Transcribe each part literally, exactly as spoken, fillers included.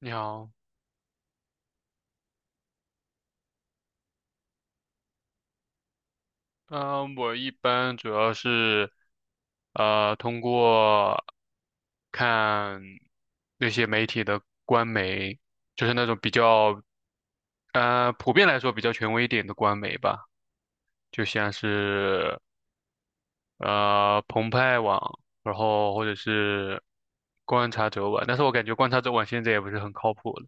你好，嗯、我一般主要是，呃，通过看那些媒体的官媒，就是那种比较，呃，普遍来说比较权威一点的官媒吧，就像是呃澎湃网，然后或者是观察者网，但是我感觉观察者网现在也不是很靠谱了，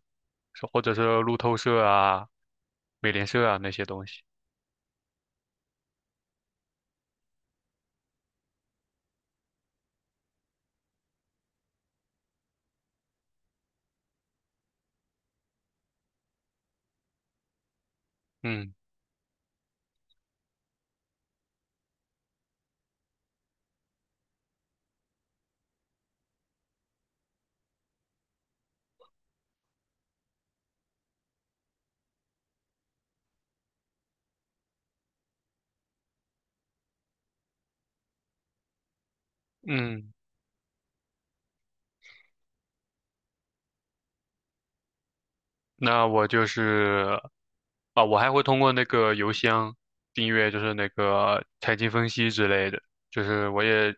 是或者是路透社啊、美联社啊那些东西，嗯嗯。那我就是啊，我还会通过那个邮箱订阅，就是那个财经分析之类的，就是我也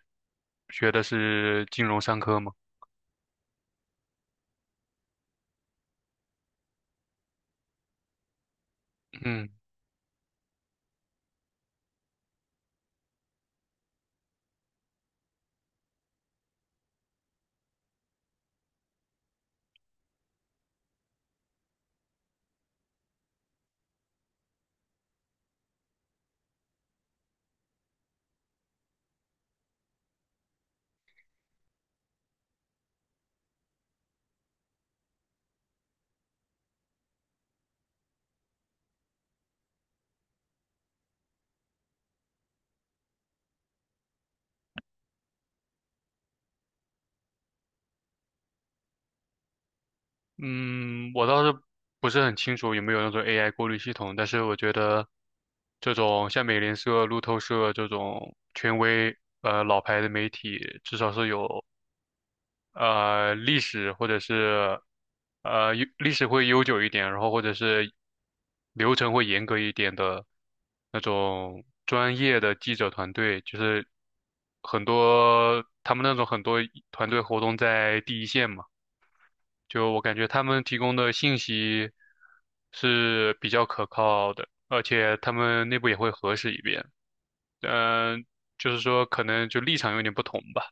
学的是金融商科嘛。嗯嗯，我倒是不是很清楚有没有那种 A I 过滤系统，但是我觉得这种像美联社、路透社这种权威呃老牌的媒体，至少是有呃历史或者是呃悠历史会悠久一点，然后或者是流程会严格一点的那种专业的记者团队，就是很多他们那种很多团队活动在第一线嘛，就我感觉他们提供的信息是比较可靠的，而且他们内部也会核实一遍，嗯、就是说可能就立场有点不同吧，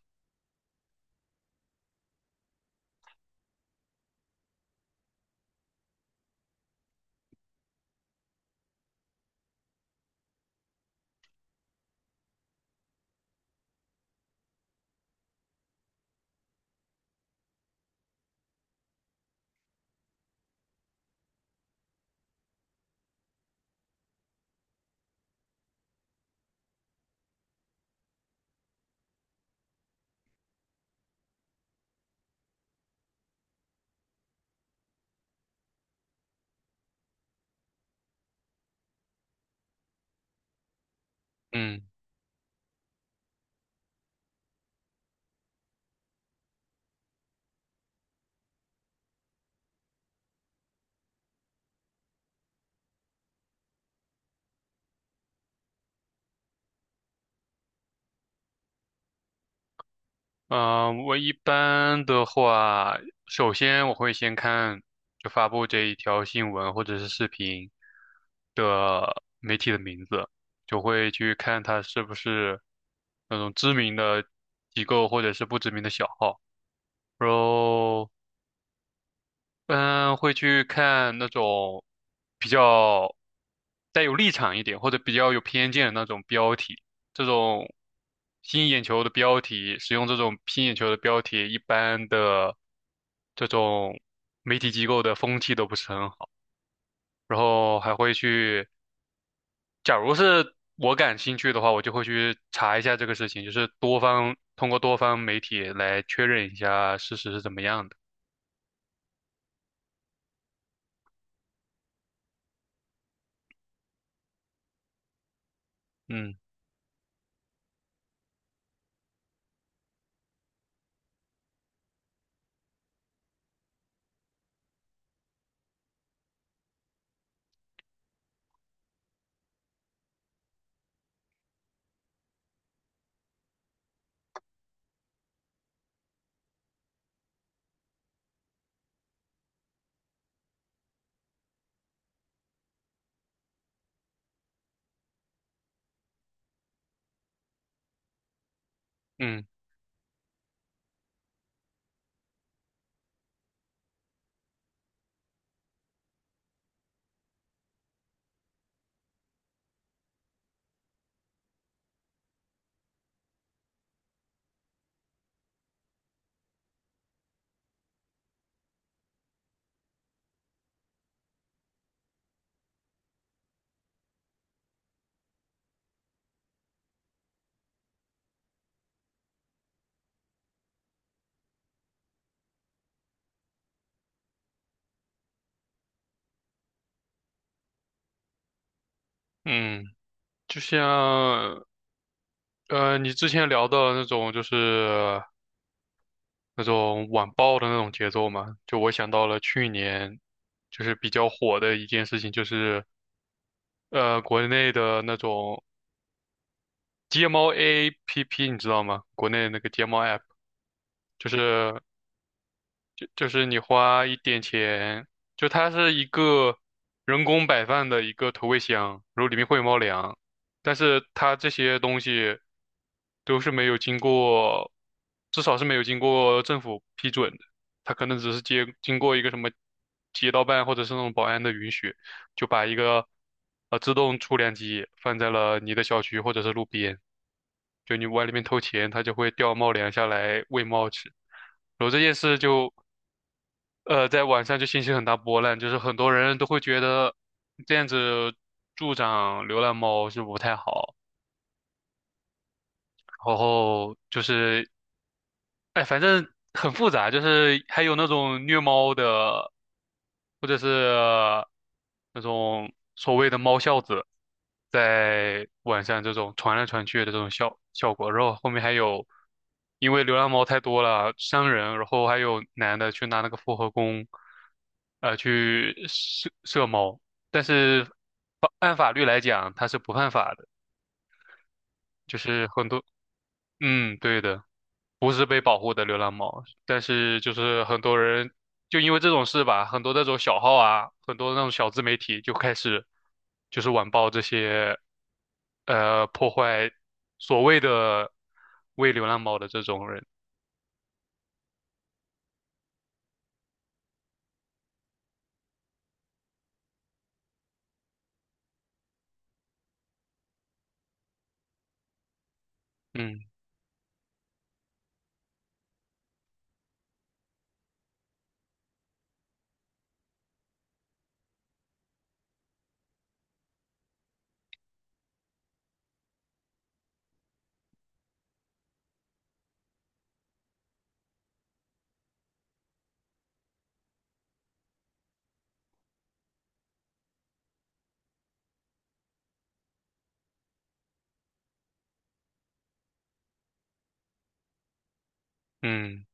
嗯。嗯，呃我一般的话，首先我会先看就发布这一条新闻或者是视频的媒体的名字，就会去看它是不是那种知名的机构或者是不知名的小号。然后嗯，会去看那种比较带有立场一点，或者比较有偏见的那种标题，这种吸引眼球的标题，使用这种吸引眼球的标题，一般的这种媒体机构的风气都不是很好。然后还会去，假如是我感兴趣的话，我就会去查一下这个事情，就是多方，通过多方媒体来确认一下事实是怎么样的。嗯嗯嗯，就像。呃，你之前聊的那种就是那种晚报的那种节奏嘛，就我想到了去年就是比较火的一件事情，就是呃国内的那种街猫 A P P,你知道吗？国内那个街猫 App,就是就就是你花一点钱，就它是一个人工摆放的一个投喂箱，然后里面会有猫粮，但是它这些东西都是没有经过，至少是没有经过政府批准的，它可能只是接经过一个什么街道办或者是那种保安的允许，就把一个呃自动出粮机放在了你的小区或者是路边，就你往里面投钱，它就会掉猫粮下来喂猫吃。然后这件事就呃，在晚上就掀起很大波澜，就是很多人都会觉得这样子助长流浪猫是不太好，然后就是哎，反正很复杂，就是还有那种虐猫的，或者是那种所谓的猫孝子，在晚上这种传来传去的这种效效果，然后后面还有因为流浪猫太多了伤人，然后还有男的去拿那个复合弓，呃，去射射猫，但是法按法律来讲，它是不犯法的，就是很多，嗯，对的。不是被保护的流浪猫，但是就是很多人就因为这种事吧，很多那种小号啊，很多那种小自媒体就开始就是晚报这些呃破坏所谓的喂流浪猫的这种人，嗯嗯。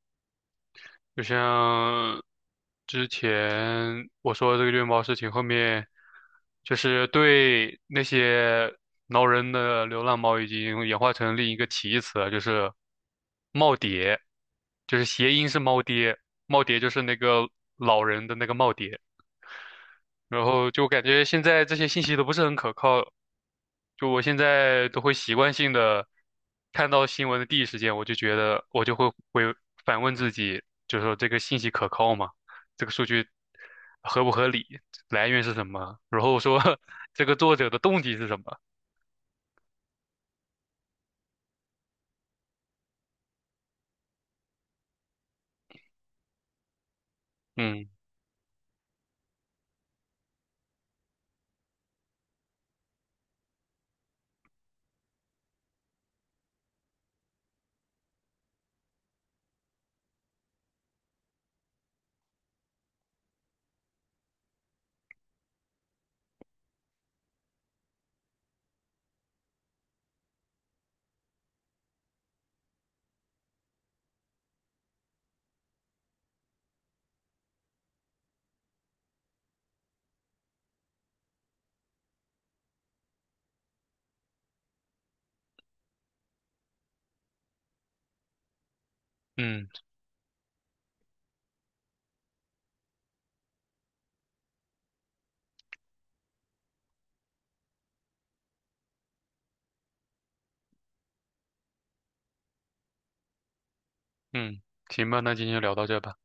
就像之前我说的这个虐猫事情，后面就是对那些挠人的流浪猫已经演化成另一个歧义词了，就是"耄耋"，就是谐音是"猫爹"，"耄耋"就是那个老人的那个耄耋。然后就感觉现在这些信息都不是很可靠，就我现在都会习惯性的看到新闻的第一时间，我就觉得我就会会反问自己，就是说这个信息可靠吗？这个数据合不合理？来源是什么？然后说 这个作者的动机是什么？嗯嗯嗯，行吧，那今天就聊到这吧。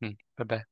嗯，拜拜。